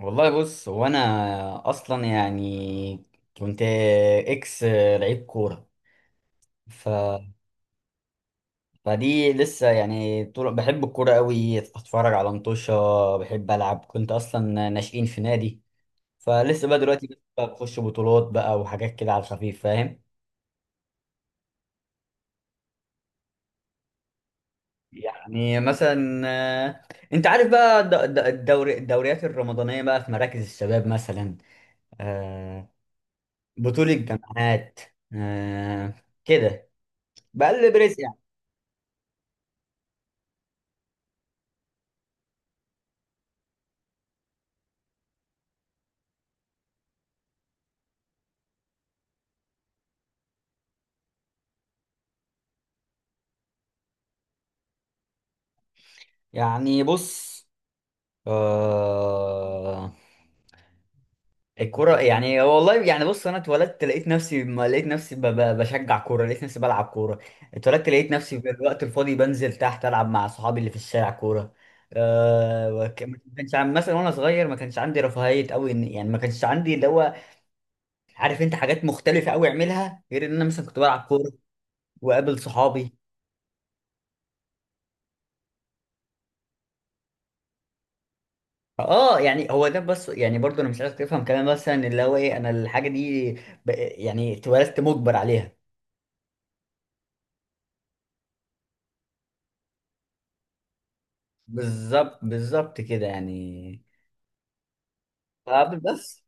والله بص هو انا اصلا يعني كنت اكس لعيب كوره ف... فدي لسه يعني طول بحب الكوره قوي اتفرج على مطوشه. بحب العب، كنت اصلا ناشئين في نادي. فلسه بقى دلوقتي بس بقى بخش بطولات بقى وحاجات كده على الخفيف، فاهم؟ يعني مثلا، آه، انت عارف بقى الدوريات الرمضانيه بقى في مراكز الشباب مثلا، آه، بطوله جامعات، آه، كده. بقلب رزق يعني. يعني بص، آه الكرة يعني والله. يعني بص انا اتولدت لقيت نفسي، ما لقيت نفسي ب- ب- بشجع كورة، لقيت نفسي بلعب كورة. اتولدت لقيت نفسي في الوقت الفاضي بنزل تحت العب مع صحابي اللي في الشارع كورة. ما كانش مثلا وانا صغير ما كانش عندي رفاهية قوي، يعني ما كانش عندي اللي هو، عارف انت، حاجات مختلفة قوي اعملها غير ان انا مثلا كنت بلعب كورة واقابل صحابي. اه يعني هو ده بس. يعني برضه انا مش عايزك تفهم كمان مثلا اللي هو ايه، انا الحاجه دي ب- يعني اتولدت مجبر عليها. بالظبط بالظبط كده يعني. طب بس،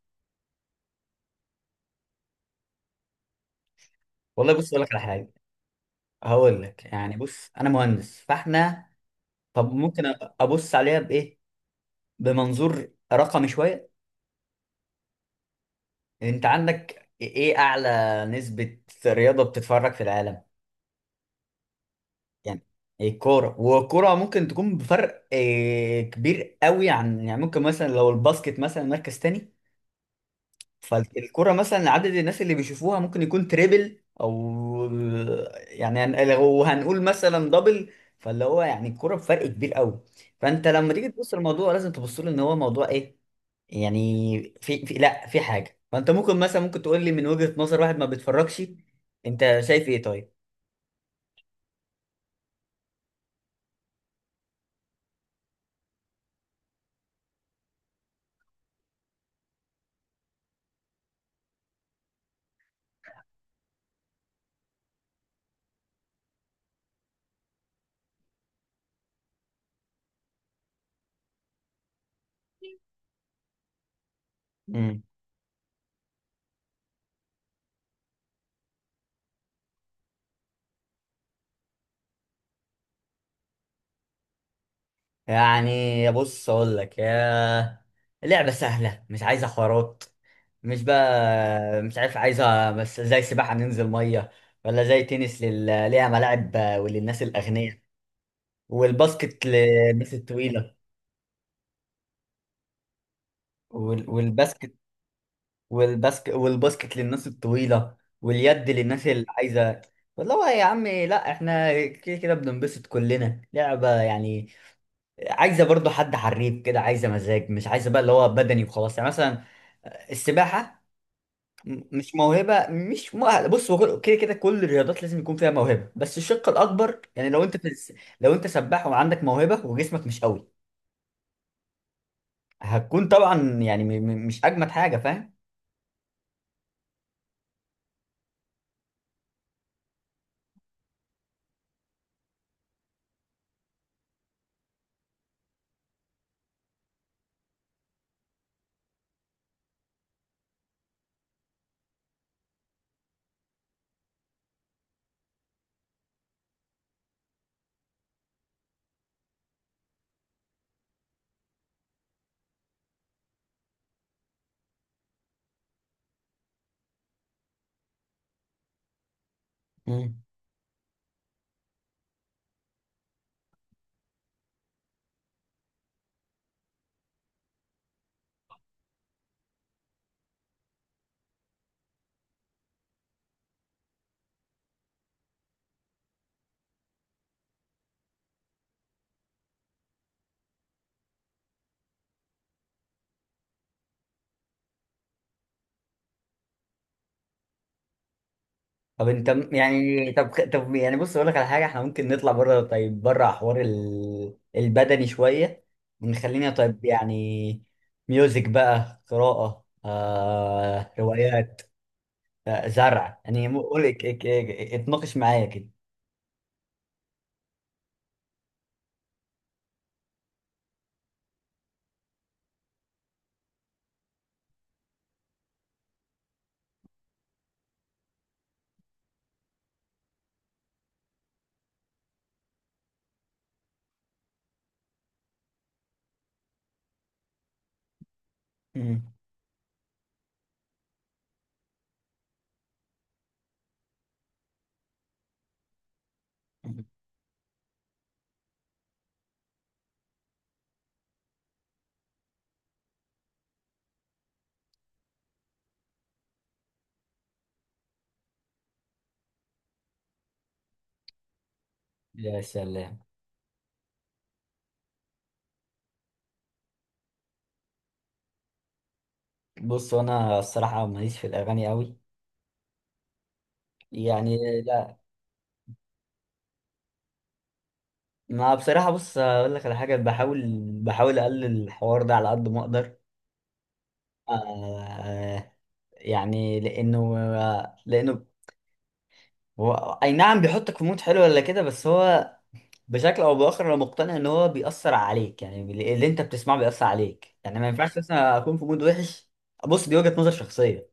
والله بص اقول لك على حاجه. هقول لك، يعني بص انا مهندس فاحنا، طب ممكن ابص عليها بايه؟ بمنظور رقمي شويه. انت عندك ايه اعلى نسبه رياضه بتتفرج في العالم؟ يعني الكورة. والكورة ممكن تكون بفرق كبير قوي عن، يعني ممكن مثلا لو الباسكت مثلا مركز تاني، فالكورة مثلا عدد الناس اللي بيشوفوها ممكن يكون تريبل أو، يعني لو هنقول مثلا دبل. فاللي هو يعني الكورة بفرق كبير قوي. فأنت لما تيجي تبص للموضوع لازم تبص له إن هو موضوع إيه، يعني في, في لا في حاجة. فأنت ممكن مثلا، ممكن تقول لي من وجهة نظر واحد ما بيتفرجش، أنت شايف إيه طيب؟ يعني بص اقول لك يا، لعبه سهله مش عايزه حوارات، مش بقى مش عارف، عايزه بس زي سباحه ننزل ميه، ولا زي تنس ليها ملاعب وللناس الاغنياء، والباسكت للناس الطويله. وال... والباسكت والباسكت للناس الطويله، واليد للناس اللي عايزه. والله يا عم لا احنا كده كده بننبسط كلنا، لعبه يعني، عايزه برضو حد حريف كده، عايزه مزاج، مش عايزه بقى اللي هو بدني وخلاص. يعني مثلا السباحه، مش موهبه، مش مؤهله. بص هو كده كده كل الرياضات لازم يكون فيها موهبه، بس الشق الاكبر. يعني لو انت في لو انت سباح وعندك موهبه وجسمك مش قوي، هتكون طبعا يعني مش اجمد حاجه، فاهم؟ طب انت يعني طب طب يعني بص اقول لك على حاجه. احنا ممكن نطلع بره، طيب، بره حوار البدني شويه، ونخلينا طيب يعني ميوزك بقى، قراءه، روايات، زرع يعني. قول لك اتناقش معايا كده. مم. يا سلام. بص انا الصراحه ماليش في الاغاني قوي. يعني لا. ما بصراحه بص اقول لك على حاجه، بحاول، بحاول اقلل الحوار ده على قد ما اقدر. آه يعني لانه هو اي نعم بيحطك في مود حلو ولا كده، بس هو بشكل او باخر انا مقتنع ان هو بيأثر عليك يعني. اللي انت بتسمعه بيأثر عليك، يعني ما ينفعش مثلا اكون في مود وحش. بص دي وجهة نظر شخصية.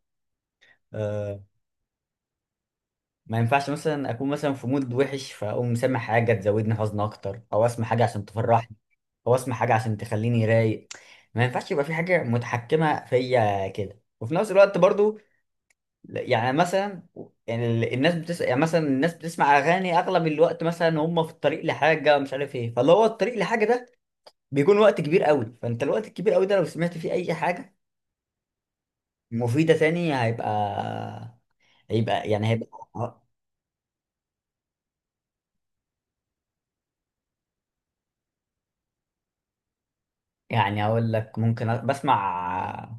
أه. ما ينفعش مثلا اكون مثلا في مود وحش فاقوم مسمع حاجة تزودني حزن اكتر، او اسمع حاجة عشان تفرحني، او اسمع حاجة عشان تخليني رايق. ما ينفعش يبقى في حاجة متحكمة فيا كده. وفي نفس الوقت برضو يعني مثلا، يعني الناس بتسمع، يعني مثلا الناس بتسمع اغاني اغلب الوقت مثلا هم في الطريق لحاجه مش عارف ايه. فاللي هو الطريق لحاجه ده بيكون وقت كبير قوي، فانت الوقت الكبير قوي ده لو سمعت فيه اي حاجه مفيده تاني، هيبقى، هيبقى. يعني اقول لك، ممكن بسمع،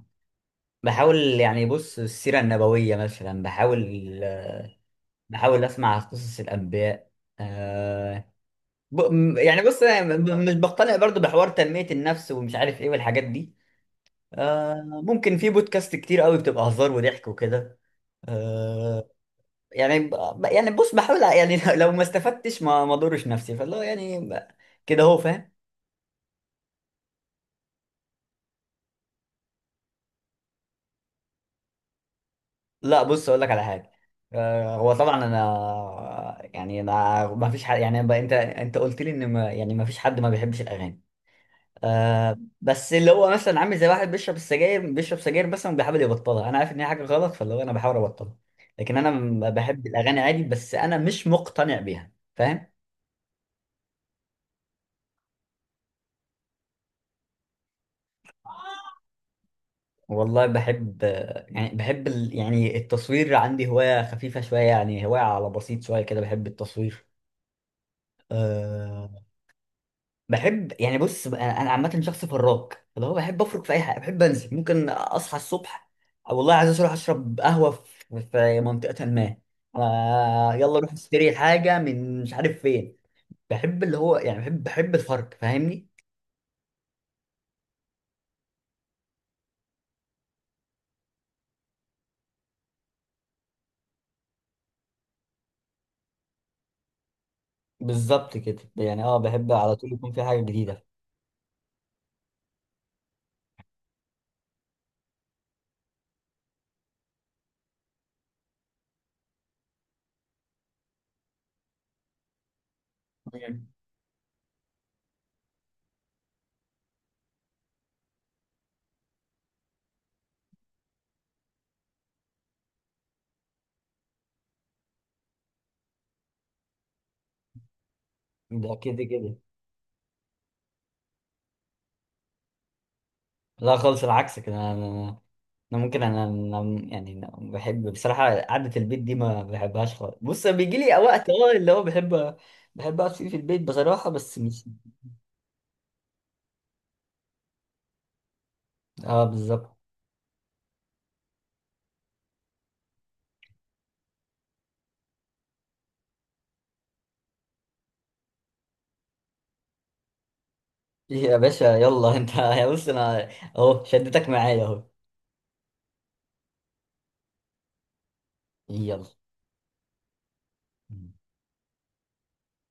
بحاول يعني بص السيره النبويه مثلا، بحاول بحاول اسمع قصص الانبياء، آه، ب... يعني بص أنا مش بقتنع برضو بحوار تنميه النفس ومش عارف ايه والحاجات دي. آه ممكن في بودكاست كتير قوي بتبقى هزار وضحك وكده. آه يعني يعني بص بحاول يعني لو ما استفدتش ما ما ضرش نفسي. فاللي هو يعني كده هو، فاهم؟ لا بص اقول لك على حاجه. آه هو طبعا انا يعني، انا ما فيش حد يعني انت انت قلت لي ان، ما يعني ما فيش حد ما بيحبش الاغاني. آه بس اللي هو مثلا عامل زي واحد بيشرب السجاير، بيشرب سجاير بس بيحاول يبطلها. انا عارف ان هي حاجه غلط، فاللي هو انا بحاول ابطلها. لكن انا بحب الاغاني عادي، بس انا مش مقتنع بيها، فاهم؟ والله بحب، يعني بحب يعني التصوير. عندي هواية خفيفة شوية، يعني هواية على بسيط شوية كده، بحب التصوير. أه... بحب يعني بص أنا، أنا عامة شخص فراك، اللي هو بحب أفرك في أي حاجة. بحب أنزل، ممكن أصحى الصبح أو والله عايز أروح أشرب قهوة في في منطقة ما، يلا نروح نشتري حاجة من مش عارف فين. بحب اللي هو يعني، بحب الفرق، فاهمني؟ بالظبط كده يعني. اه بحب على طول يكون في حاجة جديدة. مم. ده كده كده. لا خالص، العكس كده. انا يعني أنا بحب بصراحه، قعده البيت دي ما بحبهاش خالص. بص بيجي لي وقت اه اللي هو بحب، بحب اقعد فيه في البيت بصراحه، بس مش. اه بالظبط. يا باشا يلا انت يا بص انا، اهو شدتك معايا اهو. يلا.